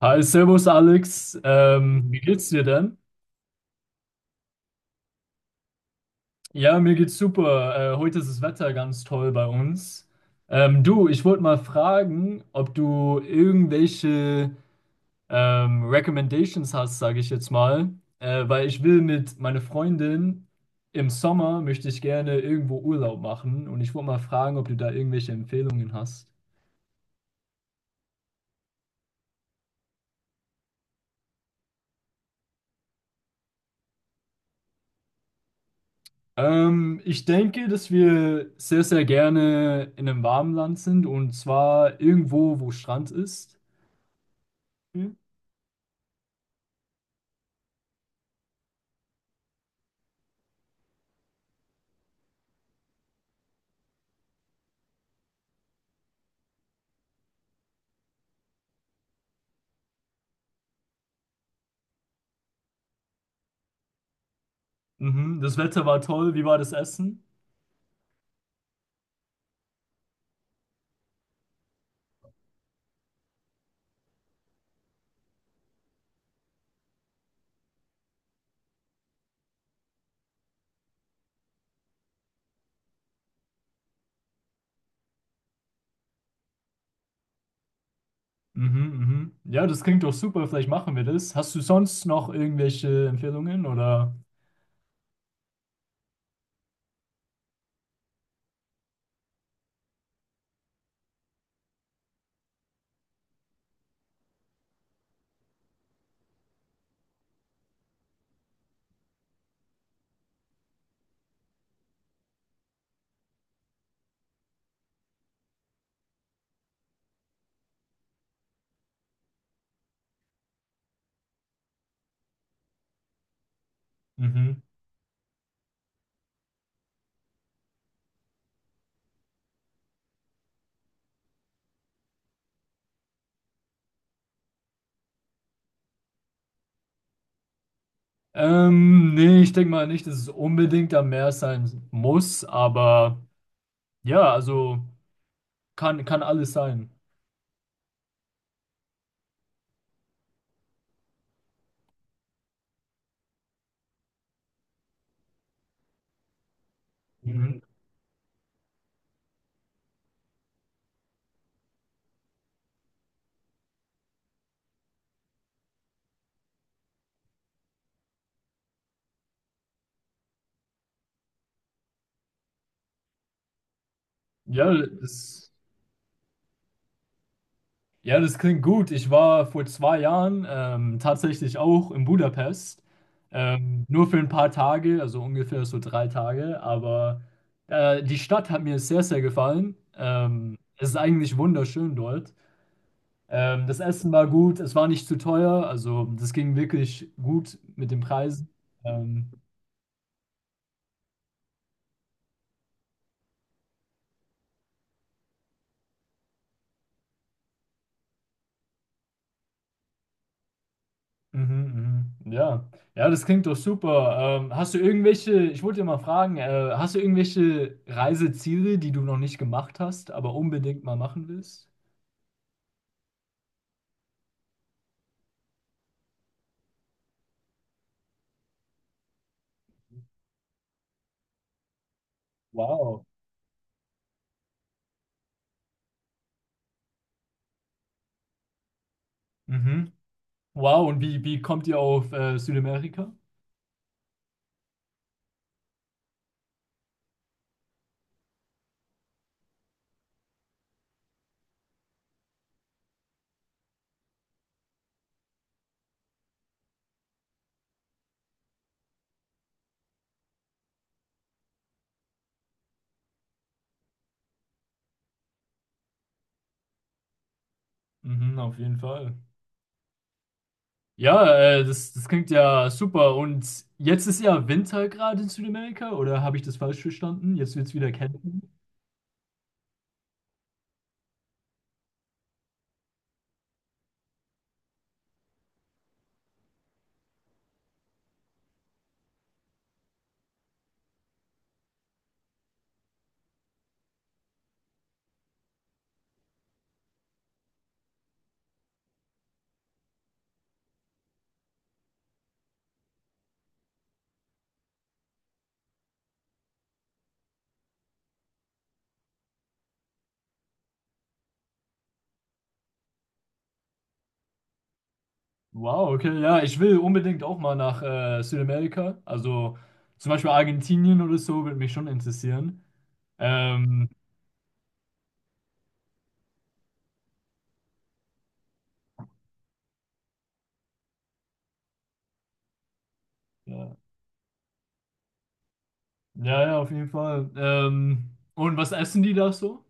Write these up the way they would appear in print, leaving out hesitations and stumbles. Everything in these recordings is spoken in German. Hi, Servus Alex. Wie geht's dir denn? Ja, mir geht's super. Heute ist das Wetter ganz toll bei uns. Du, ich wollte mal fragen, ob du irgendwelche Recommendations hast, sage ich jetzt mal, weil ich will mit meiner Freundin im Sommer möchte ich gerne irgendwo Urlaub machen und ich wollte mal fragen, ob du da irgendwelche Empfehlungen hast. Ich denke, dass wir sehr, sehr gerne in einem warmen Land sind und zwar irgendwo, wo Strand ist. Hm? Mhm. Das Wetter war toll. Wie war das Essen? Mhm, mhm. Ja, das klingt doch super. Vielleicht machen wir das. Hast du sonst noch irgendwelche Empfehlungen oder? Mhm. Nee, ich denke mal nicht, dass es unbedingt am Meer sein muss, aber ja, also kann, kann alles sein. Mhm. Ja, das. Ja, das klingt gut. Ich war vor 2 Jahren tatsächlich auch in Budapest. Nur für ein paar Tage, also ungefähr so 3 Tage. Aber die Stadt hat mir sehr, sehr gefallen. Es ist eigentlich wunderschön dort. Das Essen war gut, es war nicht zu teuer. Also das ging wirklich gut mit den Preisen. Ähm, Mhm, mhm. Ja. Ja, das klingt doch super. Hast du irgendwelche, ich wollte dir mal fragen, hast du irgendwelche Reiseziele, die du noch nicht gemacht hast, aber unbedingt mal machen willst? Wow. Mhm. Wow, und wie, wie kommt ihr auf Südamerika? Mhm, auf jeden Fall. Ja, das, das klingt ja super. Und jetzt ist ja Winter gerade in Südamerika, oder habe ich das falsch verstanden? Jetzt wird es wieder kälter. Wow, okay. Ja, ich will unbedingt auch mal nach Südamerika. Also zum Beispiel Argentinien oder so würde mich schon interessieren. Ähm, ja. Ja, ja, auf jeden Fall. Und was essen die da so?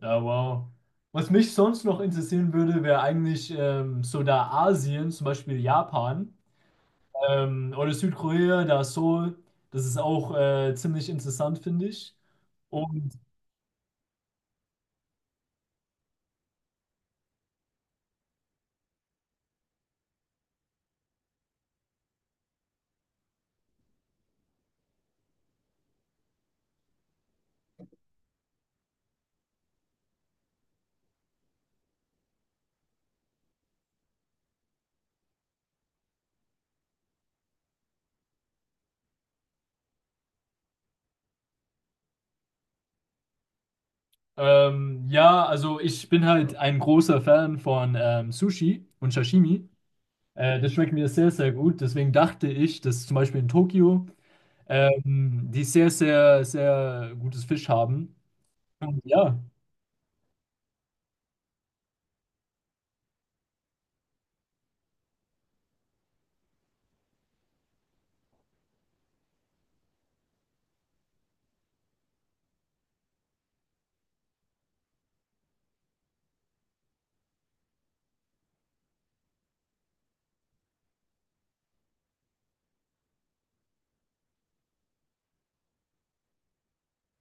Ja, wow. Was mich sonst noch interessieren würde, wäre eigentlich so da Asien, zum Beispiel Japan oder Südkorea, da Seoul. Das ist auch ziemlich interessant, finde ich. Und ja, also ich bin halt ein großer Fan von Sushi und Sashimi. Das schmeckt mir sehr, sehr gut. Deswegen dachte ich, dass zum Beispiel in Tokio die sehr, sehr, sehr gutes Fisch haben. Und ja,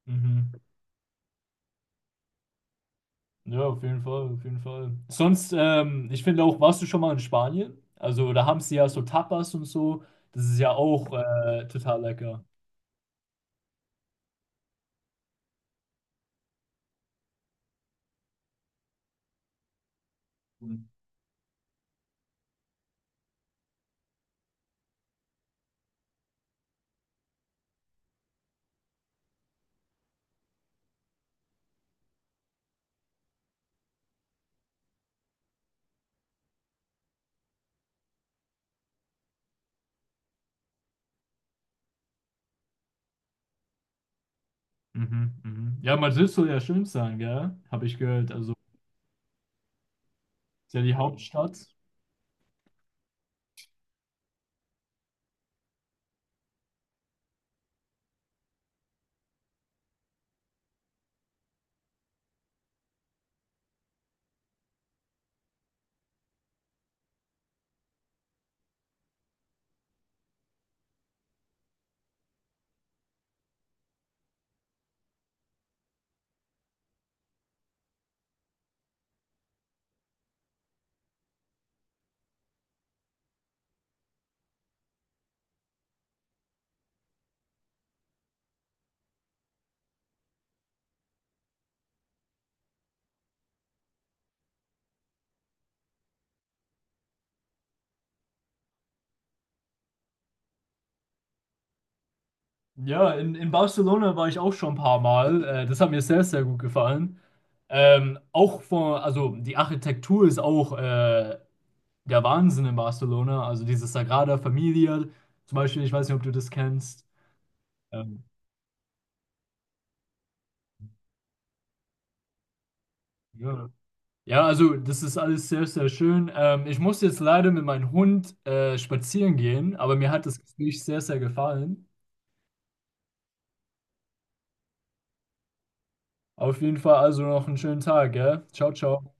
mhm. Ja, auf jeden Fall, auf jeden Fall. Sonst, ich finde auch, warst du schon mal in Spanien? Also da haben sie ja so Tapas und so. Das ist ja auch total lecker. Mhm, mhm. Ja, Madrid soll ja schön sein, gell? Habe ich gehört. Also ist ja die Hauptstadt. Ja, in Barcelona war ich auch schon ein paar Mal. Das hat mir sehr, sehr gut gefallen. Auch von, also die Architektur ist auch der Wahnsinn in Barcelona. Also diese Sagrada Familia zum Beispiel, ich weiß nicht, ob du das kennst. Ähm, ja. Ja, also das ist alles sehr, sehr schön. Ich muss jetzt leider mit meinem Hund spazieren gehen, aber mir hat das Gespräch sehr, sehr gefallen. Auf jeden Fall also noch einen schönen Tag, gell? Ciao, ciao.